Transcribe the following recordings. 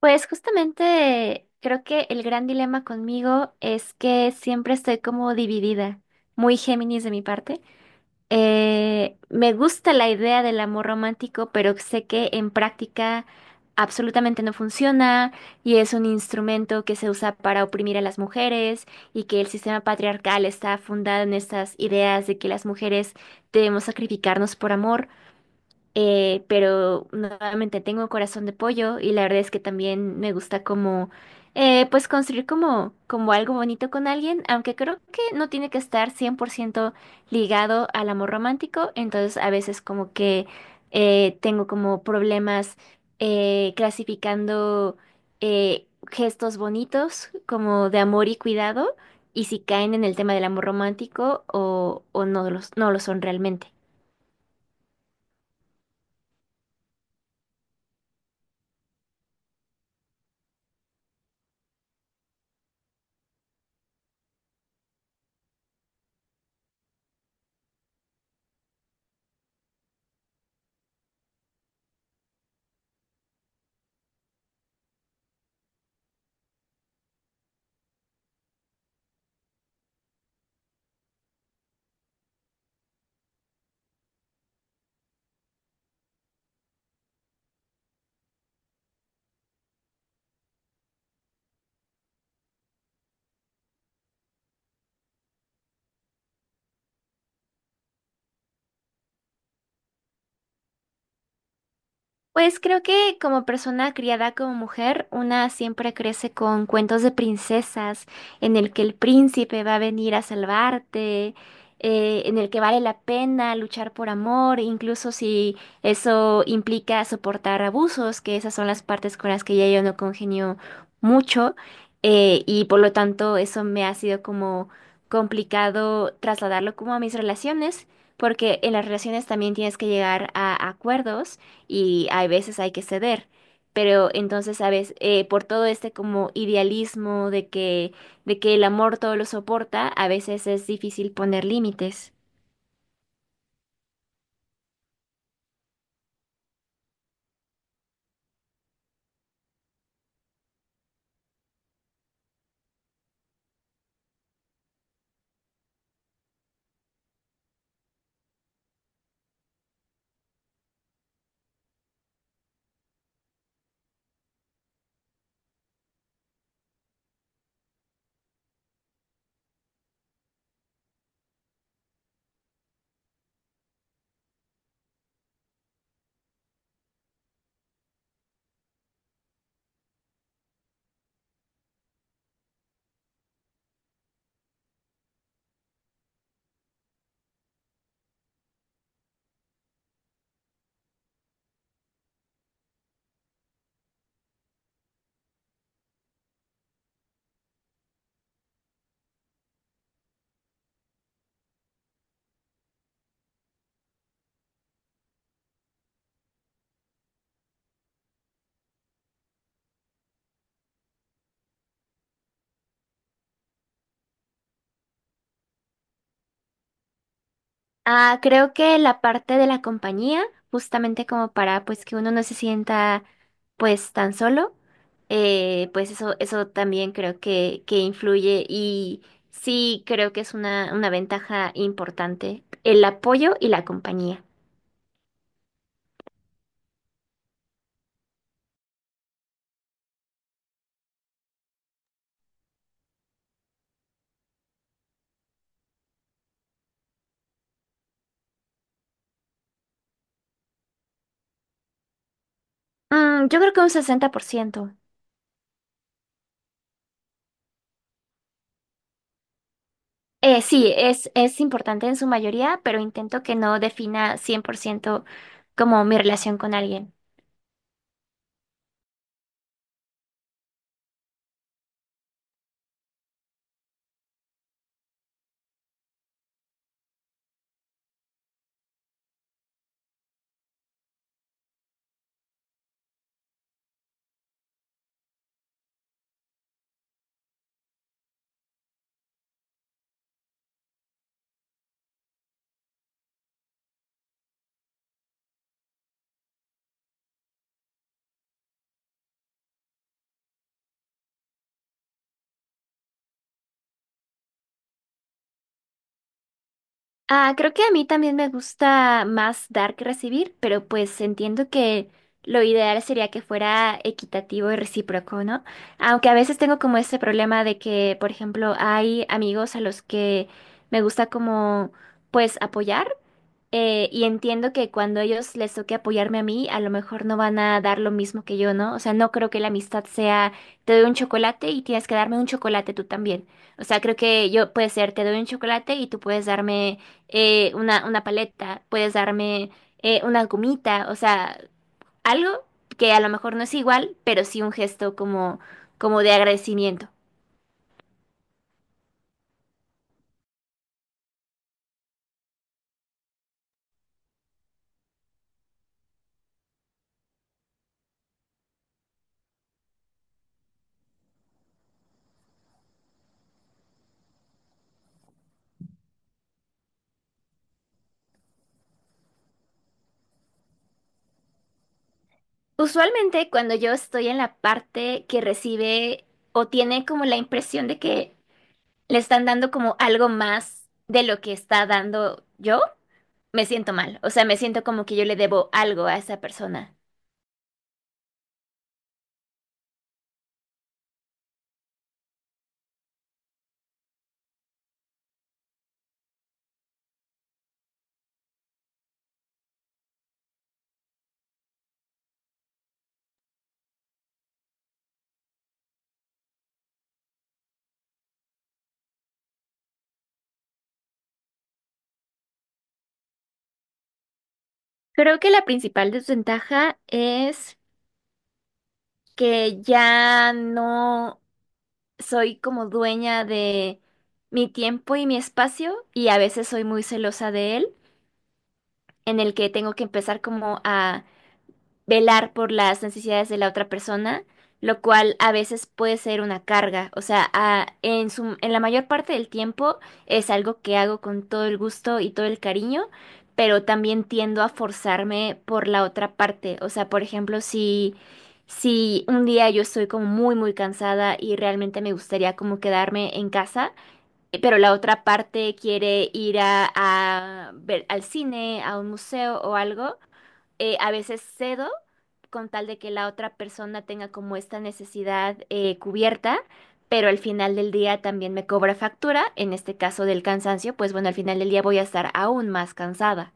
Pues justamente creo que el gran dilema conmigo es que siempre estoy como dividida, muy Géminis de mi parte. Me gusta la idea del amor romántico, pero sé que en práctica absolutamente no funciona y es un instrumento que se usa para oprimir a las mujeres y que el sistema patriarcal está fundado en estas ideas de que las mujeres debemos sacrificarnos por amor. Pero nuevamente tengo corazón de pollo y la verdad es que también me gusta como, pues construir como, como algo bonito con alguien, aunque creo que no tiene que estar 100% ligado al amor romántico, entonces a veces como que tengo como problemas clasificando gestos bonitos como de amor y cuidado y si caen en el tema del amor romántico o no los, no lo son realmente. Pues creo que como persona criada como mujer, una siempre crece con cuentos de princesas, en el que el príncipe va a venir a salvarte, en el que vale la pena luchar por amor, incluso si eso implica soportar abusos, que esas son las partes con las que ya yo no congenio mucho, y por lo tanto eso me ha sido como complicado trasladarlo como a mis relaciones, porque en las relaciones también tienes que llegar a acuerdos y hay veces hay que ceder. Pero entonces, ¿sabes? Por todo este como idealismo de que el amor todo lo soporta, a veces es difícil poner límites. Ah, creo que la parte de la compañía, justamente como para pues que uno no se sienta pues tan solo, pues eso también creo que influye y sí creo que es una ventaja importante, el apoyo y la compañía. Mm, yo creo que un 60%. Sí, es importante en su mayoría, pero intento que no defina 100% como mi relación con alguien. Ah, creo que a mí también me gusta más dar que recibir, pero pues entiendo que lo ideal sería que fuera equitativo y recíproco, ¿no? Aunque a veces tengo como ese problema de que, por ejemplo, hay amigos a los que me gusta como pues apoyar. Y entiendo que cuando ellos les toque apoyarme a mí, a lo mejor no van a dar lo mismo que yo, ¿no? O sea, no creo que la amistad sea, te doy un chocolate y tienes que darme un chocolate tú también. O sea, creo que yo puede ser, te doy un chocolate y tú puedes darme una paleta, puedes darme una gomita, o sea, algo que a lo mejor no es igual, pero sí un gesto como, como de agradecimiento. Usualmente cuando yo estoy en la parte que recibe o tiene como la impresión de que le están dando como algo más de lo que está dando yo, me siento mal. O sea, me siento como que yo le debo algo a esa persona. Creo que la principal desventaja es que ya no soy como dueña de mi tiempo y mi espacio y a veces soy muy celosa de él, en el que tengo que empezar como a velar por las necesidades de la otra persona, lo cual a veces puede ser una carga. O sea, a- en su, en la mayor parte del tiempo es algo que hago con todo el gusto y todo el cariño, pero también tiendo a forzarme por la otra parte. O sea, por ejemplo, si, si un día yo estoy como muy, muy cansada y realmente me gustaría como quedarme en casa, pero la otra parte quiere ir a ver al cine, a un museo o algo a veces cedo con tal de que la otra persona tenga como esta necesidad cubierta, pero al final del día también me cobra factura, en este caso del cansancio, pues bueno, al final del día voy a estar aún más cansada.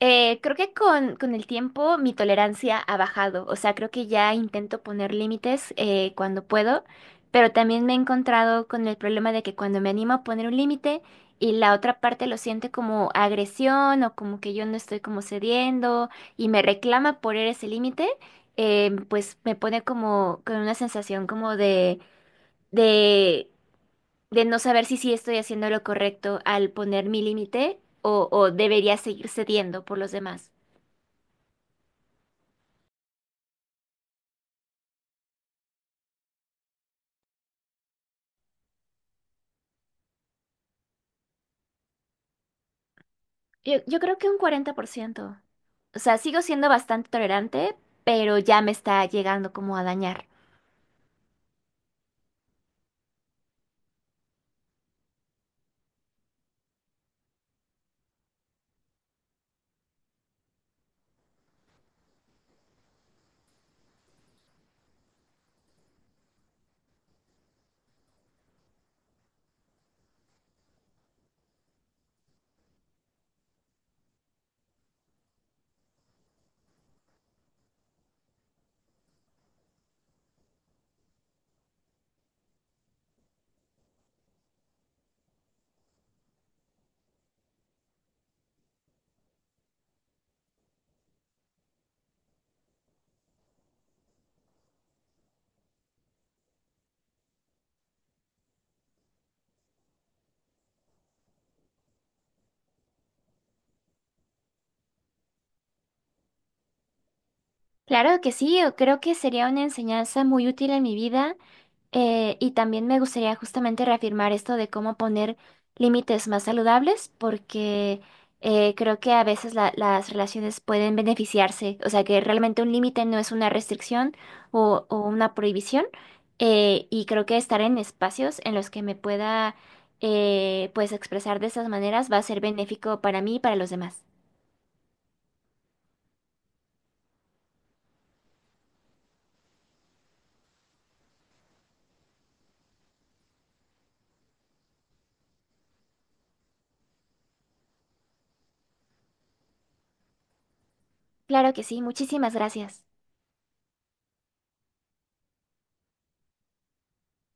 Creo que con el tiempo mi tolerancia ha bajado, o sea, creo que ya intento poner límites cuando puedo, pero también me he encontrado con el problema de que cuando me animo a poner un límite y la otra parte lo siente como agresión o como que yo no estoy como cediendo y me reclama por ese límite, pues me pone como con una sensación como de, de no saber si sí estoy haciendo lo correcto al poner mi límite o debería seguir cediendo por los demás. Yo creo que un 40%. O sea, sigo siendo bastante tolerante, pero ya me está llegando como a dañar. Claro que sí, yo creo que sería una enseñanza muy útil en mi vida. Y también me gustaría justamente reafirmar esto de cómo poner límites más saludables, porque creo que a veces las relaciones pueden beneficiarse, o sea que realmente un límite no es una restricción o una prohibición, y creo que estar en espacios en los que me pueda pues expresar de esas maneras va a ser benéfico para mí y para los demás. Claro que sí, muchísimas gracias.